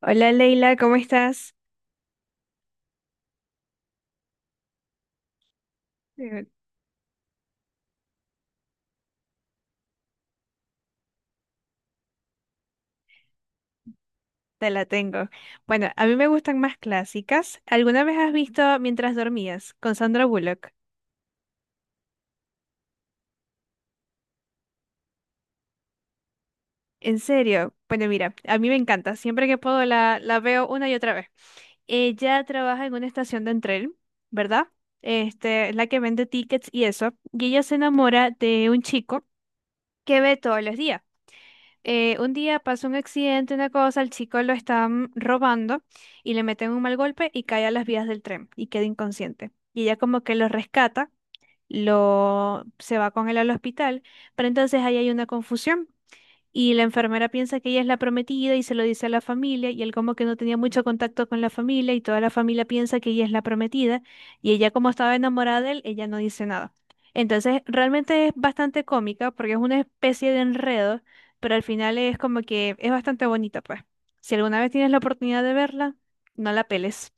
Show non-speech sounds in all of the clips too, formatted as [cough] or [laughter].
Hola Leila, ¿cómo estás? Eh, Te la tengo. Bueno, a mí me gustan más clásicas. ¿Alguna vez has visto Mientras dormías con Sandra Bullock? En serio, bueno, mira, a mí me encanta. Siempre que puedo la veo una y otra vez. Ella trabaja en una estación de tren, ¿verdad? Este, es la que vende tickets y eso. Y ella se enamora de un chico que ve todos los días. Un día pasa un accidente, una cosa, el chico lo están robando y le meten un mal golpe y cae a las vías del tren y queda inconsciente. Y ella como que lo rescata, lo se va con él al hospital, pero entonces ahí hay una confusión y la enfermera piensa que ella es la prometida y se lo dice a la familia y él como que no tenía mucho contacto con la familia y toda la familia piensa que ella es la prometida y ella como estaba enamorada de él, ella no dice nada. Entonces realmente es bastante cómica porque es una especie de enredo, pero al final es como que es bastante bonita pues. Si alguna vez tienes la oportunidad de verla, no la peles.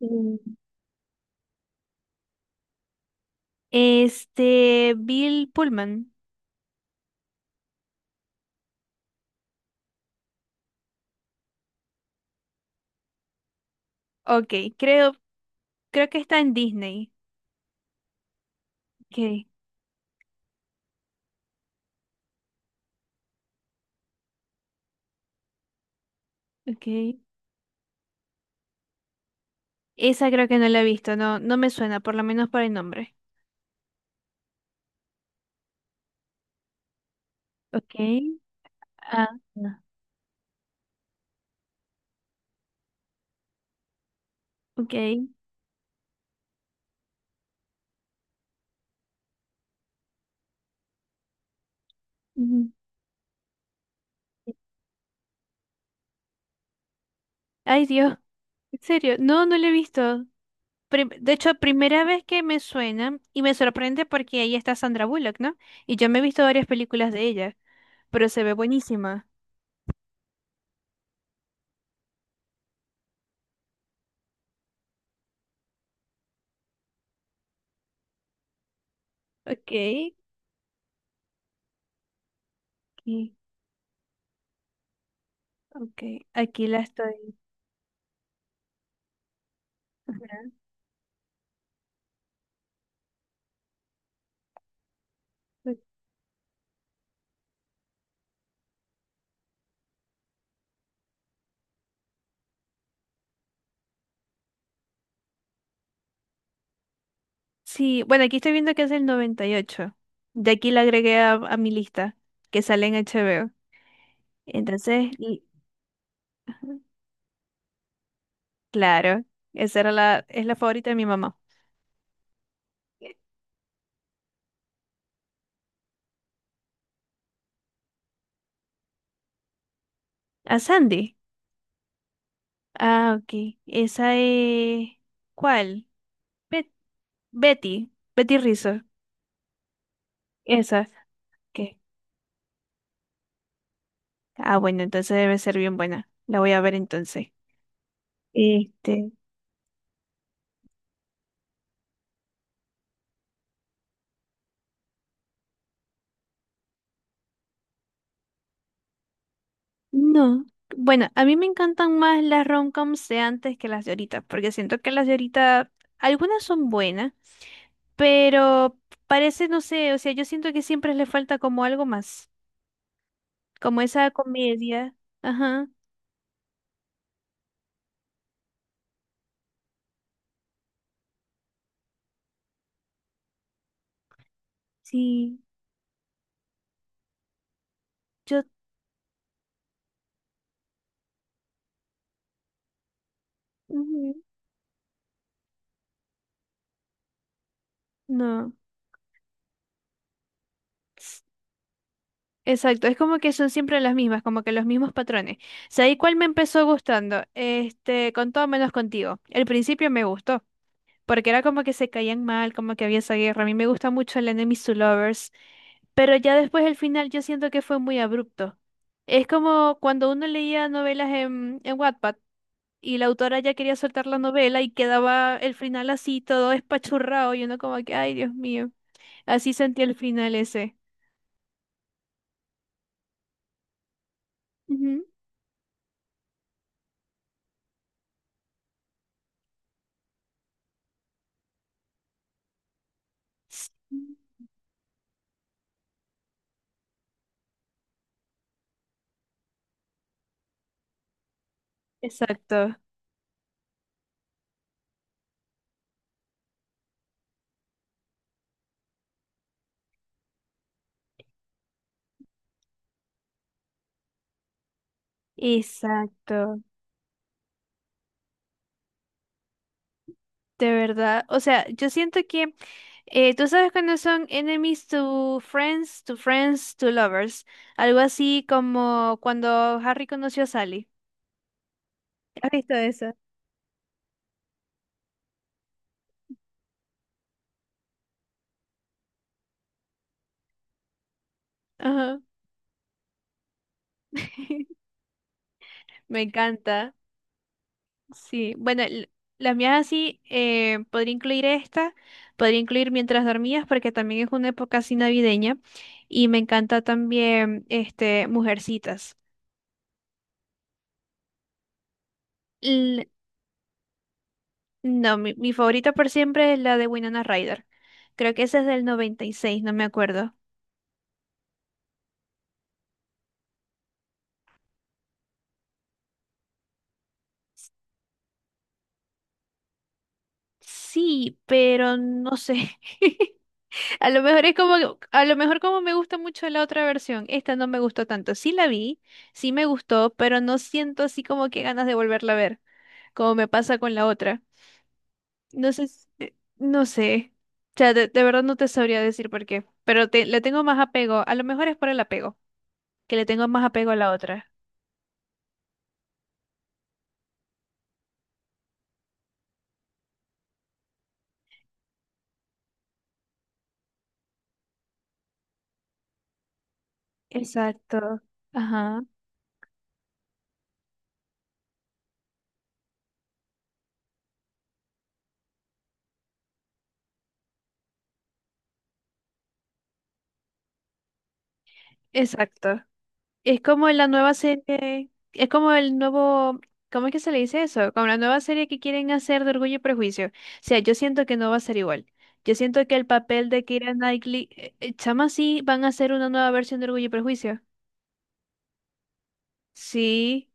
Mm. Este, Bill Pullman. Ok, creo, creo que está en Disney. Ok, ok. Esa creo que no la he visto, no, no me suena, por lo menos por el nombre. Okay. Ah, ah, ok. Ujú. Ay, Dios, en serio, no, no la he visto. Prim- de hecho, primera vez que me suena y me sorprende porque ahí está Sandra Bullock, ¿no? Y yo me he visto varias películas de ella, pero se ve buenísima. Okay, aquí, okay, aquí la estoy. Ajá. Sí, bueno, aquí estoy viendo que es el 98. De aquí la agregué a mi lista, que sale en HBO. Entonces, claro, esa era es la favorita de mi mamá. ¿A Sandy? Ah, ok. Esa es... ¿Cuál? Bet- Betty. Betty Rizzo. Esa. ¿Qué? Ah, bueno, entonces debe ser bien buena. La voy a ver entonces. Este. No. Bueno, a mí me encantan más las rom-coms de antes que las de ahorita, porque siento que las de ahorita, algunas son buenas, pero parece, no sé, o sea, yo siento que siempre le falta como algo más, como esa comedia. Ajá, sí, yo, ujú, no. s- Exacto, es como que son siempre las mismas, como que los mismos patrones. ¿Sabes cuál me empezó gustando? Este, con todo menos contigo. El principio me gustó, porque era como que se caían mal, como que había esa guerra. A mí me gusta mucho el Enemies to Lovers, pero ya después el final yo siento que fue muy abrupto. Es como cuando uno leía novelas en Wattpad y la autora ya quería soltar la novela y quedaba el final así, todo espachurrado, y uno como que, ay, Dios mío, así sentí el final ese. Ujú. Sí, exacto, exacto. De verdad, o sea, yo siento que tú sabes cuando son enemies to friends, to friends, to lovers, algo así como cuando Harry conoció a Sally. ¿Has visto eso? Ajá. [laughs] Me encanta. Sí, bueno, las mías así, podría incluir esta, podría incluir Mientras dormías, porque también es una época así navideña, y me encanta también, este, Mujercitas. L- no, mi favorita por siempre es la de Winona Ryder. Creo que esa es del 96, no me acuerdo. Sí, pero no sé. [laughs] A lo mejor es como, a lo mejor como me gusta mucho la otra versión, esta no me gustó tanto. Sí la vi, sí me gustó, pero no siento así como que ganas de volverla a ver, como me pasa con la otra. No sé, no sé. O sea, de verdad no te sabría decir por qué, pero le tengo más apego. A lo mejor es por el apego, que le tengo más apego a la otra. Exacto. Ajá, exacto. Es como la nueva serie, es como el nuevo, ¿cómo es que se le dice eso? Como la nueva serie que quieren hacer de Orgullo y Prejuicio. O sea, yo siento que no va a ser igual. Yo siento que el papel de Keira Knightley, chama, sí, van a hacer una nueva versión de Orgullo y Prejuicio. Sí.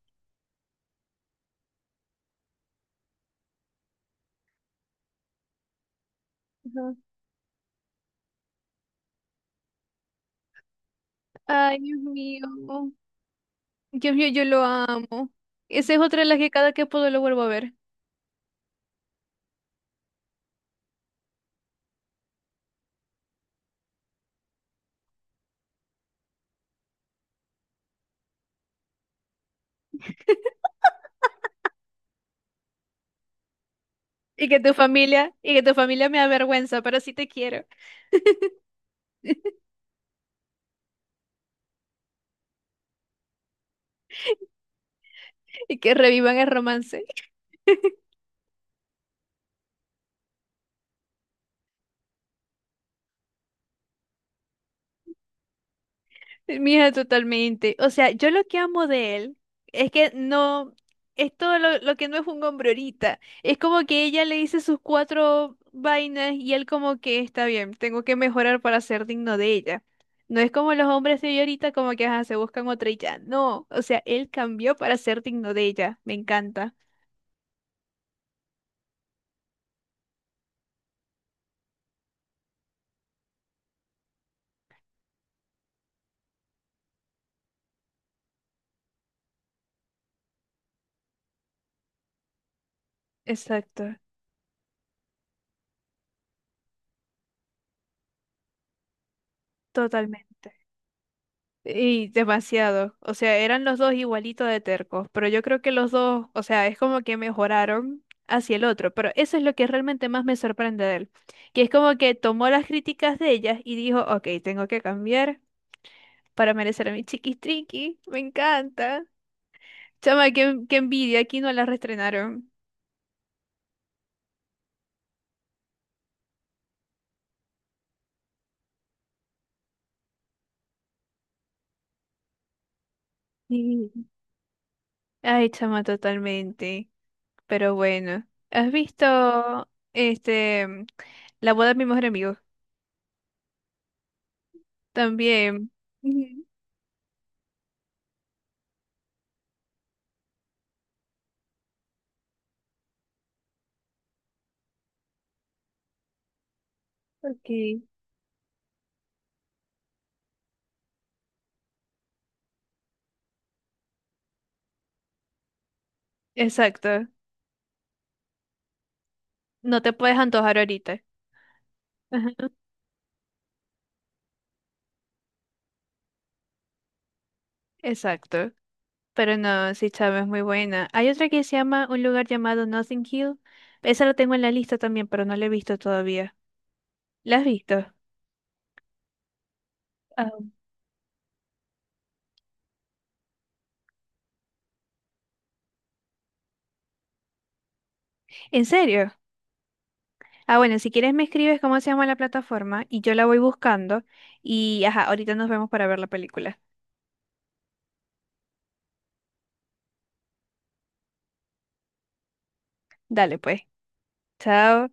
Ajá. Ay, Dios mío. Dios mío, yo lo amo. Esa es otra de las que cada que puedo lo vuelvo a ver. Y que tu familia, y que tu familia me avergüenza, pero sí te quiero. Y que revivan el romance. Mija, totalmente. O sea, yo lo que amo de él es que no, es todo lo que no es un hombre ahorita. Es como que ella le dice sus cuatro vainas y él como que está bien, tengo que mejorar para ser digno de ella. No es como los hombres de hoy ahorita como que ajá, se buscan otra y ya. No, o sea, él cambió para ser digno de ella. Me encanta. Exacto, totalmente. Y demasiado. O sea, eran los dos igualitos de tercos, pero yo creo que los dos, o sea, es como que mejoraron hacia el otro, pero eso es lo que realmente más me sorprende de él, que es como que tomó las críticas de ellas y dijo, ok, tengo que cambiar para merecer a mi chiquis triqui, me encanta. Chama, qué envidia, aquí no la restrenaron. Sí. Ay, chama, totalmente. Pero bueno, ¿has visto este, La boda de mi mejor amigo? También. Ujú. Ok. Exacto. No te puedes antojar ahorita. Ajá. Exacto. Pero no, sí, chama, es muy buena. Hay otra que se llama un lugar llamado Nothing Hill. Esa la tengo en la lista también, pero no la he visto todavía. ¿La has visto? Ah, ¿en serio? Ah, bueno, si quieres me escribes cómo se llama la plataforma y yo la voy buscando. Y, ajá, ahorita nos vemos para ver la película. Dale, pues. Chao.